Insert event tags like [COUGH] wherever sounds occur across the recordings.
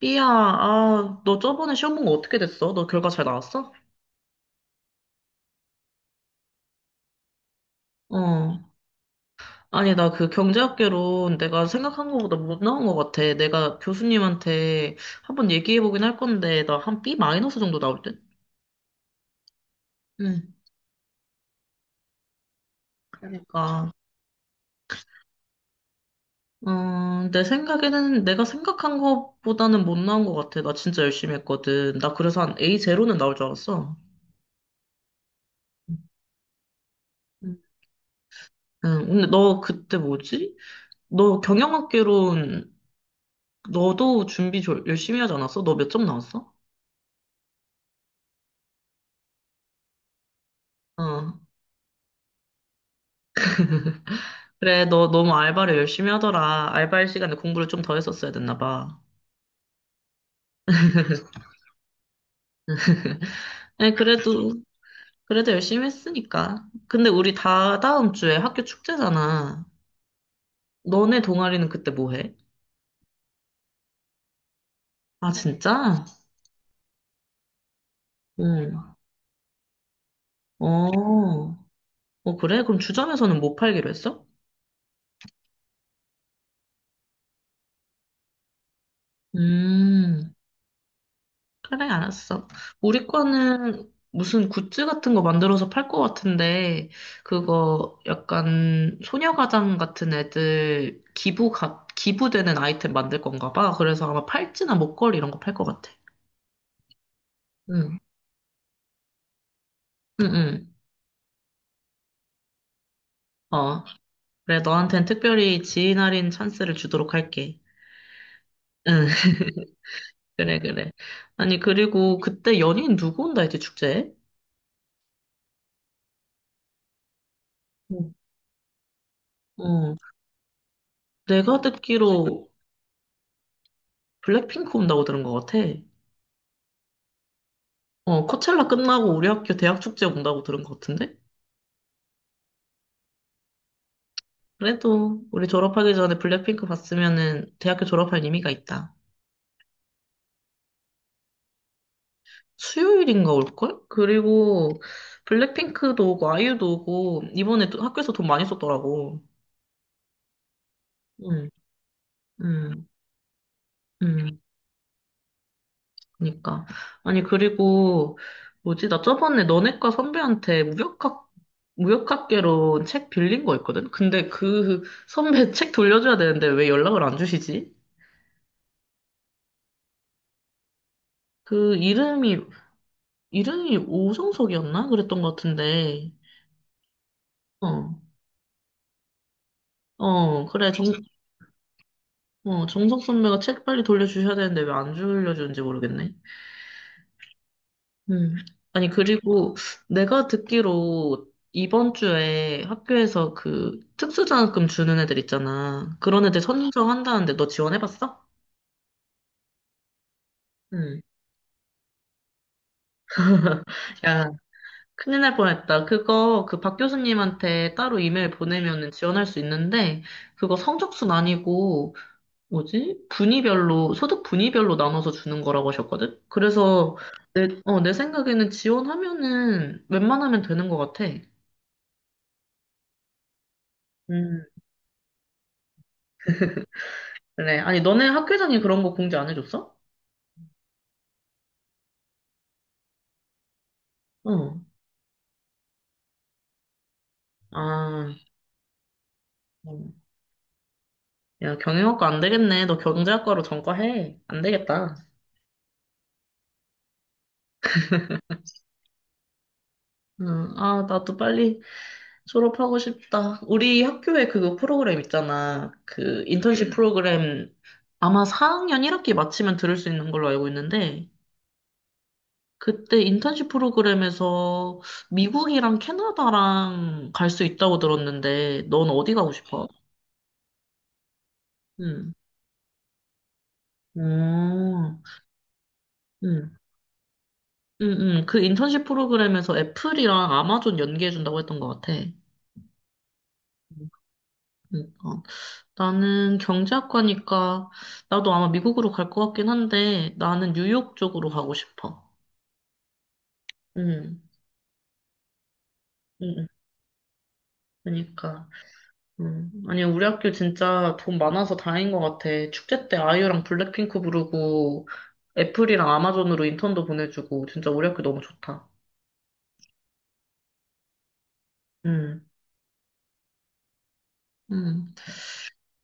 삐야, 아, 너 저번에 시험 본 거 어떻게 됐어? 너 결과 잘 나왔어? 어. 아니, 나 그 경제학개론 내가 생각한 거보다 못 나온 것 같아. 내가 교수님한테 한번 얘기해보긴 할 건데, 나 한 B 마이너스 정도 나올 듯? 응. 그러니까. 내 생각에는 내가 생각한 것보다는 못 나온 것 같아. 나 진짜 열심히 했거든. 나 그래서 한 A0는 나올 줄 알았어. 응, 응, 근데 너 그때 뭐지? 너 경영학개론 너도 준비 열심히 하지 않았어? 너 몇 점 나왔어? 어. 그래, 너 너무 알바를 열심히 하더라. 알바할 시간에 공부를 좀 더 했었어야 됐나 봐. 네, 그래도 열심히 했으니까. 근데 우리 다 다음 주에 학교 축제잖아. 너네 동아리는 그때 뭐 해? 아, 진짜? 응. 어, 그래? 그럼 주점에서는 못 팔기로 했어? 음. 그래, 알았어. 우리 거는 무슨 굿즈 같은 거 만들어서 팔 것 같은데, 그거 약간 소녀가장 같은 애들 기부되는 아이템 만들 건가 봐. 그래서 아마 팔찌나 목걸이 이런 거 팔 것 같아. 응, 응, 응. 어, 그래, 너한텐 특별히 지인 할인 찬스를 주도록 할게. 응, [LAUGHS] 그래, 그래. 아니, 그리고 그때 연예인 누구 온다 했지, 축제에? 응. 어, 내가 듣기로 블랙핑크 온다고 들은 것 같아. 코첼라 끝나고 우리 학교 대학 축제 온다고 들은 것 같은데? 그래도 우리 졸업하기 전에 블랙핑크 봤으면은 대학교 졸업할 의미가 있다. 수요일인가 올걸? 그리고 블랙핑크도 오고 아이유도 오고 이번에 또 학교에서 돈 많이 썼더라고. 응, 응, 응. 그니까. 아니, 그리고 뭐지? 나 저번에 너네과 선배한테 무역학개론 책 빌린 거 있거든? 근데 그 선배 [LAUGHS] 책 돌려줘야 되는데 왜 연락을 안 주시지? 그 이름이 오성석이었나? 그랬던 것 같은데. 어, 어, 그래. 정석 선배가 책 빨리 돌려주셔야 되는데 왜 안 돌려주는지 모르겠네. 음. 아니, 그리고 내가 듣기로 이번 주에 학교에서 그 특수장학금 주는 애들 있잖아. 그런 애들 선정한다는데 너 지원해봤어? 응. [LAUGHS] 야, 큰일 날 뻔했다. 그거 그 박 교수님한테 따로 이메일 보내면은 지원할 수 있는데 그거 성적순 아니고 뭐지? 소득 분위별로 나눠서 주는 거라고 하셨거든? 그래서 내 생각에는 지원하면은 웬만하면 되는 것 같아. 음, 그래. 아니, 너네 학교장이 그런 거 공지 안 해줬어? 어. 아, 음. 야, 경영학과 안 되겠네. 너 경제학과로 전과해. 안 되겠다. 응. 아, 나도 빨리 졸업하고 싶다. 우리 학교에 그거 프로그램 있잖아. 그 인턴십 프로그램 아마 4학년 1학기 마치면 들을 수 있는 걸로 알고 있는데 그때 인턴십 프로그램에서 미국이랑 캐나다랑 갈 수 있다고 들었는데, 넌 어디 가고 싶어? 응. 어, 응. 응, 응. 그 인턴십 프로그램에서 애플이랑 아마존 연계해준다고 했던 것 같아. 그러니까 나는 경제학과니까 나도 아마 미국으로 갈 것 같긴 한데 나는 뉴욕 쪽으로 가고 싶어. 응, 응, 응. 그러니까. 음. 아니, 우리 학교 진짜 돈 많아서 다행인 것 같아. 축제 때 아이유랑 블랙핑크 부르고, 애플이랑 아마존으로 인턴도 보내주고, 진짜 우리 학교 너무 좋다. 음, 음.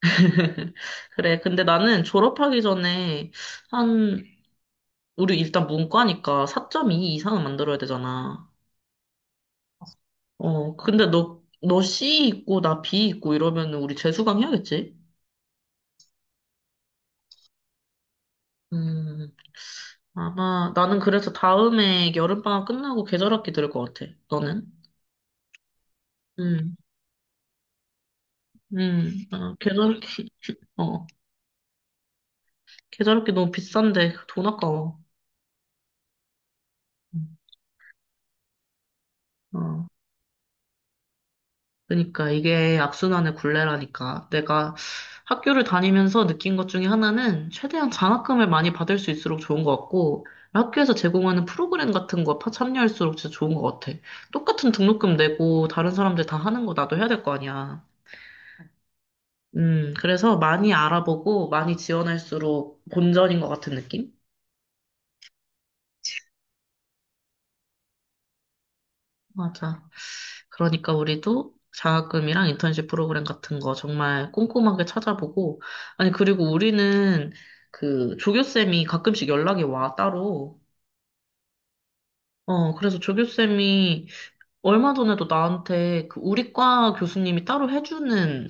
[LAUGHS] 그래. 근데 나는 졸업하기 전에, 한, 우리 일단 문과니까 4.2 이상은 만들어야 되잖아. 근데 너 C 있고, 나 B 있고 이러면 우리 재수강 해야겠지? 음, 아마, 나는 그래서 다음에 여름방학 끝나고 계절학기 들을 것 같아. 너는? 음, 아, 어, 계절기 너무 비싼데 돈 아까워. 음, 어, 그러니까 이게 악순환의 굴레라니까. 내가 학교를 다니면서 느낀 것 중에 하나는 최대한 장학금을 많이 받을 수 있을수록 좋은 것 같고, 학교에서 제공하는 프로그램 같은 거 참여할수록 진짜 좋은 것 같아. 똑같은 등록금 내고 다른 사람들 다 하는 거 나도 해야 될 거 아니야. 그래서 많이 알아보고 많이 지원할수록 본전인 것 같은 느낌? 맞아. 그러니까 우리도 장학금이랑 인턴십 프로그램 같은 거 정말 꼼꼼하게 찾아보고, 아니, 그리고 우리는 그 조교쌤이 가끔씩 연락이 와, 따로. 그래서 조교쌤이 얼마 전에도 나한테 그 우리 과 교수님이 따로 해주는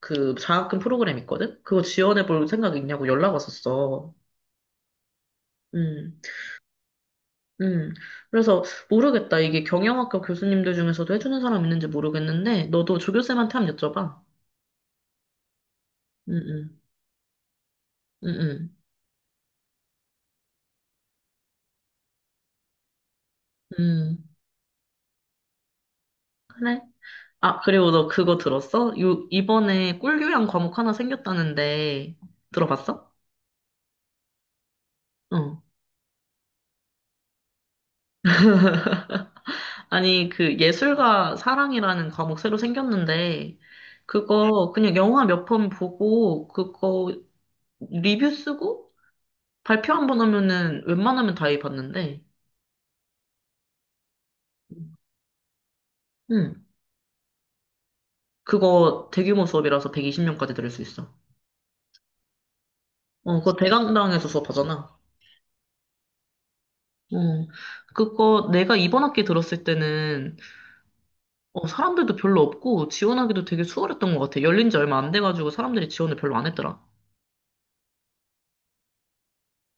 그 장학금 프로그램 있거든? 그거 지원해볼 생각 있냐고 연락 왔었어. 음, 음. 그래서 모르겠다. 이게 경영학과 교수님들 중에서도 해주는 사람 있는지 모르겠는데, 너도 조교쌤한테 한번 여쭤봐. 응, 응, 응, 응. 음, 그래. 아, 그리고 너 그거 들었어? 이번에 꿀교양 과목 하나 생겼다는데, 들어봤어? 응. 아니, 그 예술과 사랑이라는 과목 새로 생겼는데, 그거 그냥 영화 몇 편 보고, 그거 리뷰 쓰고, 발표 한번 하면은 웬만하면 다 해봤는데, 응. 그거 대규모 수업이라서 120명까지 들을 수 있어. 그거 대강당에서 수업하잖아. 어, 그거 내가 이번 학기 들었을 때는 사람들도 별로 없고 지원하기도 되게 수월했던 것 같아. 열린 지 얼마 안 돼가지고 사람들이 지원을 별로 안 했더라.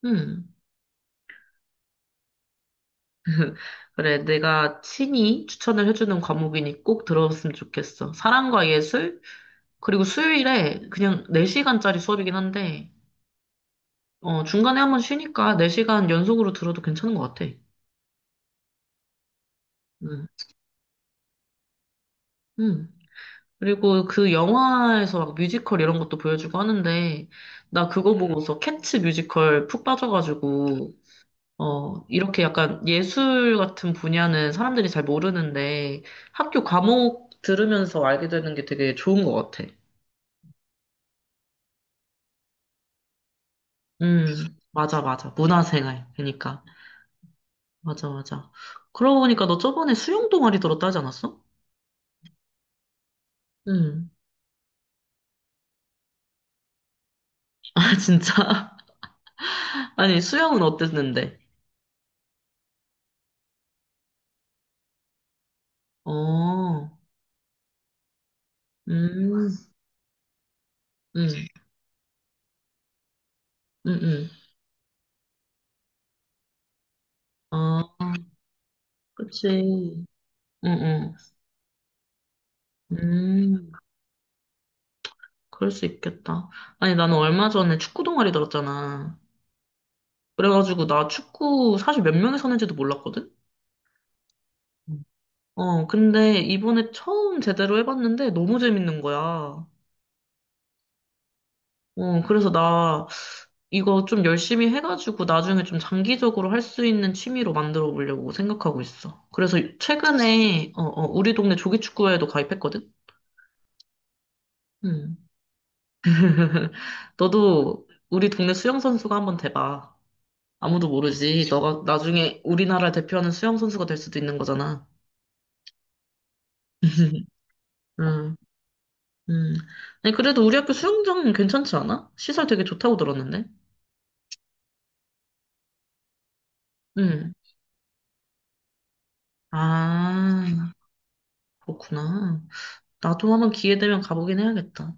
음. [LAUGHS] 그래, 내가 친히 추천을 해주는 과목이니 꼭 들어봤으면 좋겠어. 사랑과 예술, 그리고 수요일에 그냥 4시간짜리 수업이긴 한데, 중간에 한번 쉬니까 4시간 연속으로 들어도 괜찮은 것 같아. 음. 음. 그리고 그 영화에서 막 뮤지컬 이런 것도 보여주고 하는데, 나 그거 보고서 캣츠 뮤지컬 푹 빠져가지고, 이렇게 약간 예술 같은 분야는 사람들이 잘 모르는데 학교 과목 들으면서 알게 되는 게 되게 좋은 것 같아. 음, 맞아, 맞아. 문화생활. 그러니까. 맞아, 맞아. 그러고 보니까 너 저번에 수영 동아리 들었다 하지 않았어? 음. [LAUGHS] 아, 진짜? [LAUGHS] 아니, 수영은 어땠는데? 어, 음, 음, 음, 음. 아, 그치. 응, 응. 음, 그럴 수 있겠다. 아니, 나는 얼마 전에 축구 동아리 들었잖아. 그래가지고 나 축구 사실 몇 명이서 하는지도 몰랐거든? 음. 근데 이번에 처음 제대로 해봤는데 너무 재밌는 거야. 그래서 나 이거 좀 열심히 해가지고 나중에 좀 장기적으로 할 수 있는 취미로 만들어 보려고 생각하고 있어. 그래서 최근에, 우리 동네 조기축구회에도 가입했거든? 음. [LAUGHS] 너도 우리 동네 수영선수가 한번 돼봐. 아무도 모르지. 너가 나중에 우리나라 대표하는 수영선수가 될 수도 있는 거잖아. [LAUGHS] 응. 음. 아니, 그래도 우리 학교 수영장 괜찮지 않아? 시설 되게 좋다고 들었는데. 음. 아, 그렇구나. 나도 한번 기회 되면 가보긴 해야겠다.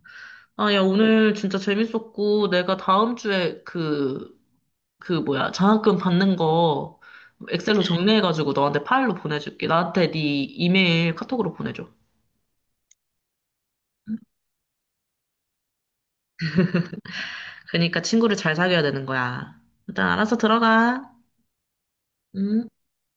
아, 야, 오늘 진짜 재밌었고, 내가 다음 주에 그 뭐야, 장학금 받는 거 엑셀로 정리해가지고 너한테 파일로 보내줄게. 나한테 네 이메일 카톡으로 보내줘. 그러니까 친구를 잘 사귀어야 되는 거야. 일단 알아서 들어가. 음.